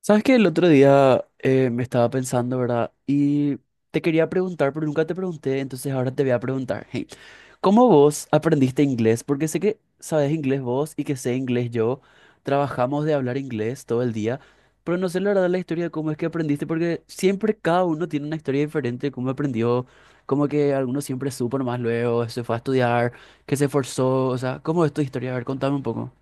Sabes que el otro día me estaba pensando, ¿verdad? Y te quería preguntar, pero nunca te pregunté, entonces ahora te voy a preguntar. Hey, ¿cómo vos aprendiste inglés? Porque sé que sabes inglés vos y que sé inglés yo. Trabajamos de hablar inglés todo el día, pero no sé la verdad la historia de cómo es que aprendiste, porque siempre cada uno tiene una historia diferente de cómo aprendió, como que alguno siempre supo nomás luego, se fue a estudiar, que se esforzó, o sea, ¿cómo es tu historia? A ver, contame un poco.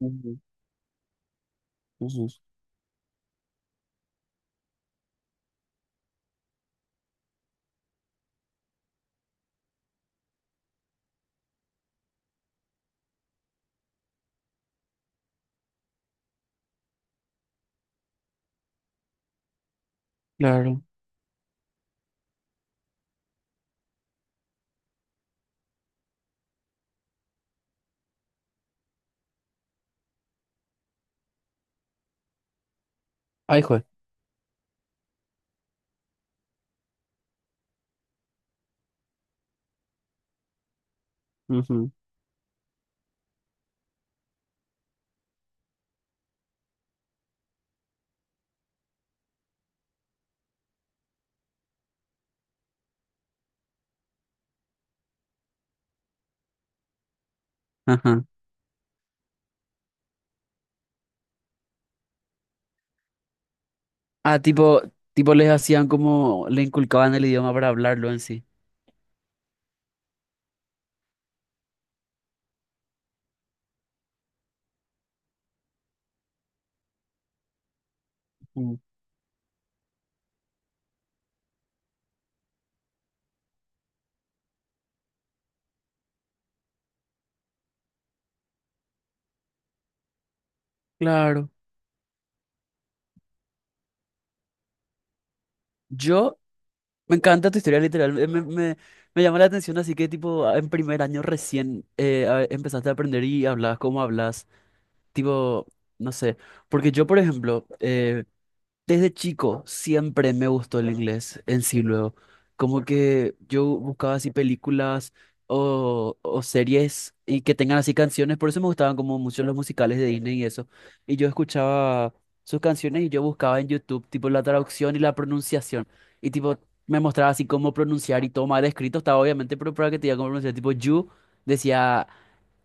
Ujú, ujú. Claro. Ay, juez. Ujú, ajá. Ah, tipo les hacían como, le inculcaban el idioma para hablarlo en sí. Mm. Claro. Yo, me encanta tu historia literal, me llama la atención, así que tipo, en primer año recién empezaste a aprender y hablabas como hablas, tipo, no sé, porque yo, por ejemplo, desde chico siempre me gustó el inglés en sí luego. Como que yo buscaba así películas o series y que tengan así canciones. Por eso me gustaban como mucho los musicales de Disney y eso. Y yo escuchaba sus canciones y yo buscaba en YouTube tipo la traducción y la pronunciación. Y tipo me mostraba así cómo pronunciar y todo mal escrito estaba obviamente, pero para que te diga cómo pronunciar. Tipo you decía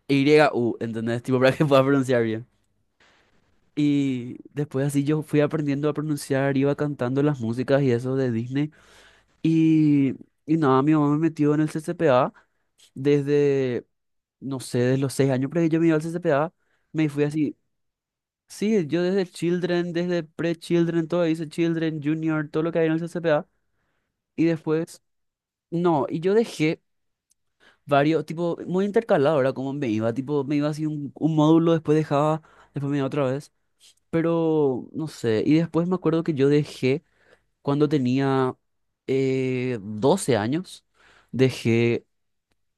Y-U, ¿entendés? Tipo para que pueda pronunciar bien. Y después así yo fui aprendiendo a pronunciar, iba cantando las músicas y eso de Disney. Y, nada, mi mamá me metió en el C C P A desde, no sé, desde los 6 años, pero yo me iba al C C P A me fui así. Sí, yo desde Children, desde Pre-Children, todo dice Children, Junior, todo lo que hay en el C C P A. Y después, no, y yo dejé varios, tipo, muy intercalado, ahora como me iba, tipo, me iba así un módulo, después dejaba, después me iba otra vez. Pero, no sé, y después me acuerdo que yo dejé cuando tenía 12 años, dejé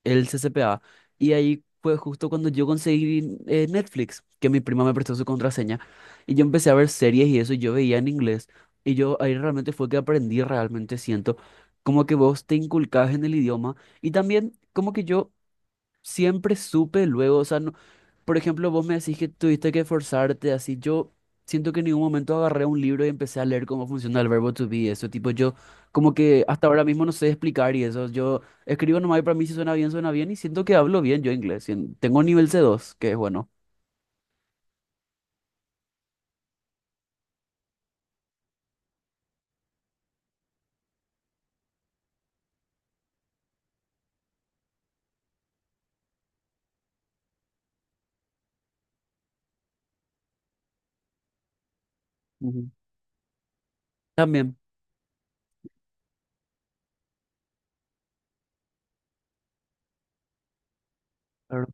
el CCPA y ahí fue justo cuando yo conseguí Netflix, que mi prima me prestó su contraseña y yo empecé a ver series y eso y yo veía en inglés y yo ahí realmente fue que aprendí, realmente siento como que vos te inculcás en el idioma y también como que yo siempre supe luego, o sea, no, por ejemplo, vos me decís que tuviste que forzarte así. Yo siento que en ningún momento agarré un libro y empecé a leer cómo funciona el verbo to be. Eso, tipo, yo como que hasta ahora mismo no sé explicar y eso. Yo escribo nomás y para mí si suena bien, suena bien y siento que hablo bien yo inglés. Tengo nivel C2 que es bueno. Ujú. También. Claro,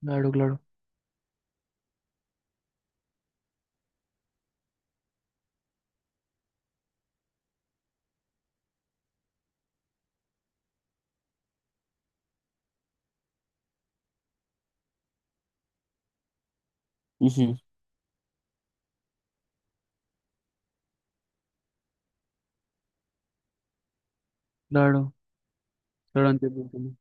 claro, claro, ujú, claro, claro, entiendo, entiendo.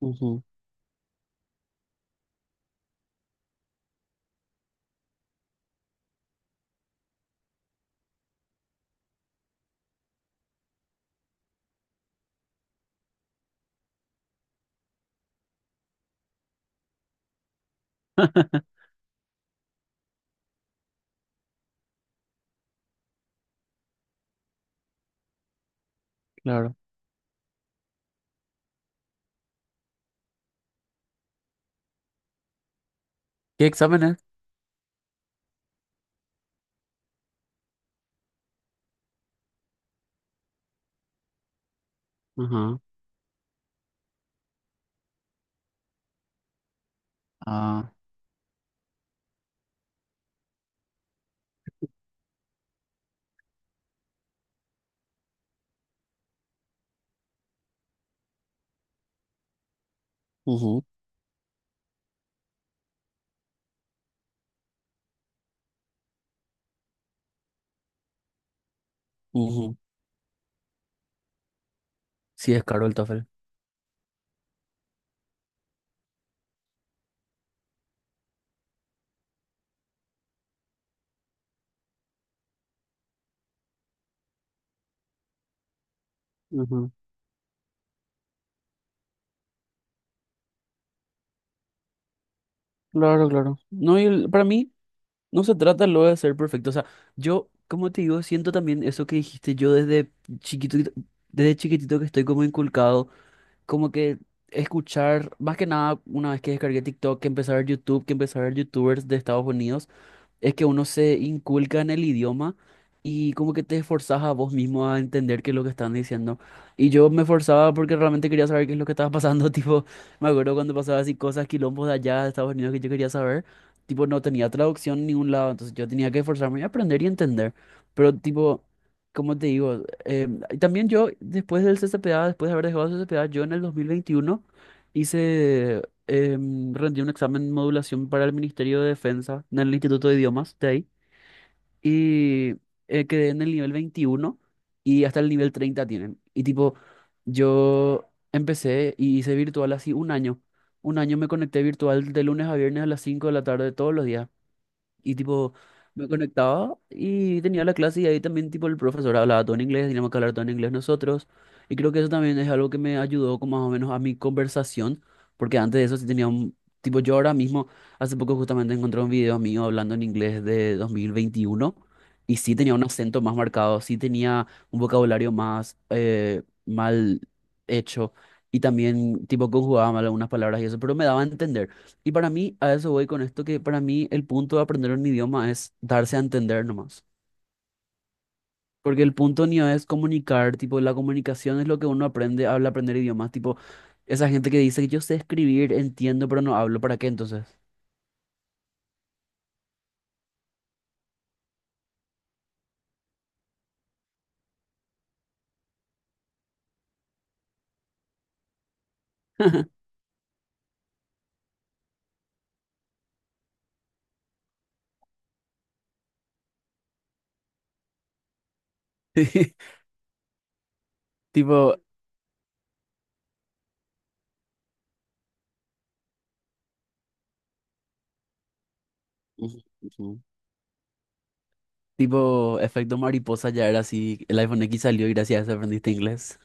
Ujú. Claro. ¿Qué examen es? Ajá. Ah, ujú, ujú. Sí, es caro el TOEFL. Ujú. Claro, claro. No, y para mí no se trata luego de ser perfecto. O sea, yo, como te digo, siento también eso que dijiste yo desde chiquito, desde chiquitito que estoy como inculcado, como que escuchar, más que nada, una vez que descargué TikTok, que empecé a ver YouTube, que empecé a ver YouTubers de Estados Unidos. Es que uno se inculca en el idioma y como que te esforzás a vos mismo a entender qué es lo que están diciendo. Y yo me esforzaba porque realmente quería saber qué es lo que estaba pasando. Tipo, me acuerdo cuando pasaba así cosas, quilombos de allá de Estados Unidos que yo quería saber. Tipo, no tenía traducción en ningún lado, entonces yo tenía que esforzarme y aprender y entender. Pero tipo, ¿como te digo? Y también yo, después del CCPA, después de haber dejado el CCPA, yo en el 2021 hice rendí un examen de modulación para el Ministerio de Defensa en el Instituto de Idiomas de ahí y quedé en el nivel 21 y hasta el nivel 30 tienen. Y tipo, yo empecé y hice virtual así un año. Un año me conecté virtual de lunes a viernes a las 5 de la tarde todos los días. Y tipo, me conectaba y tenía la clase y ahí también tipo el profesor hablaba todo en inglés, teníamos que hablar todo en inglés nosotros. Y creo que eso también es algo que me ayudó como más o menos a mi conversación, porque antes de eso sí tenía un... Tipo, yo ahora mismo, hace poco justamente encontré un video mío hablando en inglés de 2021 y sí tenía un acento más marcado, sí tenía un vocabulario más mal hecho y también tipo conjugaba mal algunas palabras y eso, pero me daba a entender. Y para mí, a eso voy con esto, que para mí el punto de aprender un idioma es darse a entender nomás. Porque el punto ni es comunicar, tipo, la comunicación es lo que uno aprende al aprender idiomas. Tipo, esa gente que dice que yo sé escribir, entiendo, pero no hablo, ¿para qué entonces? Tipo, ujú, ujú. Tipo, efecto mariposa ya era así, el iPhone X salió y gracias a eso aprendiste inglés.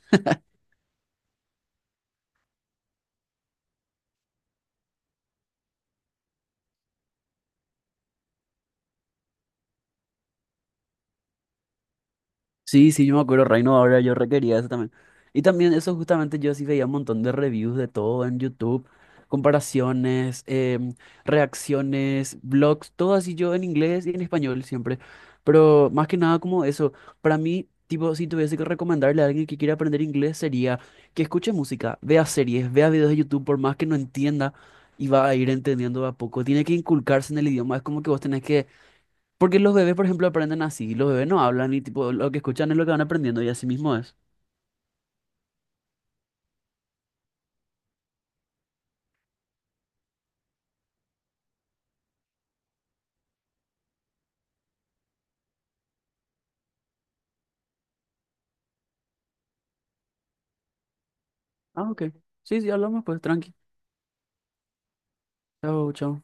Sí, sí, yo me acuerdo, Reino, ahora yo requería eso también. Y también eso justamente yo sí veía un montón de reviews de todo en YouTube, comparaciones, reacciones, blogs, todo así yo en inglés y en español siempre. Pero más que nada como eso, para mí, tipo, si tuviese que recomendarle a alguien que quiera aprender inglés sería que escuche música, vea series, vea videos de YouTube, por más que no entienda y va a ir entendiendo de a poco. Tiene que inculcarse en el idioma, es como que vos tenés que porque los bebés, por ejemplo, aprenden así. Los bebés no hablan y tipo, lo que escuchan es lo que van aprendiendo y así mismo es. Ah, ok. Sí, sí, hablamos pues, tranqui. Chao, chao.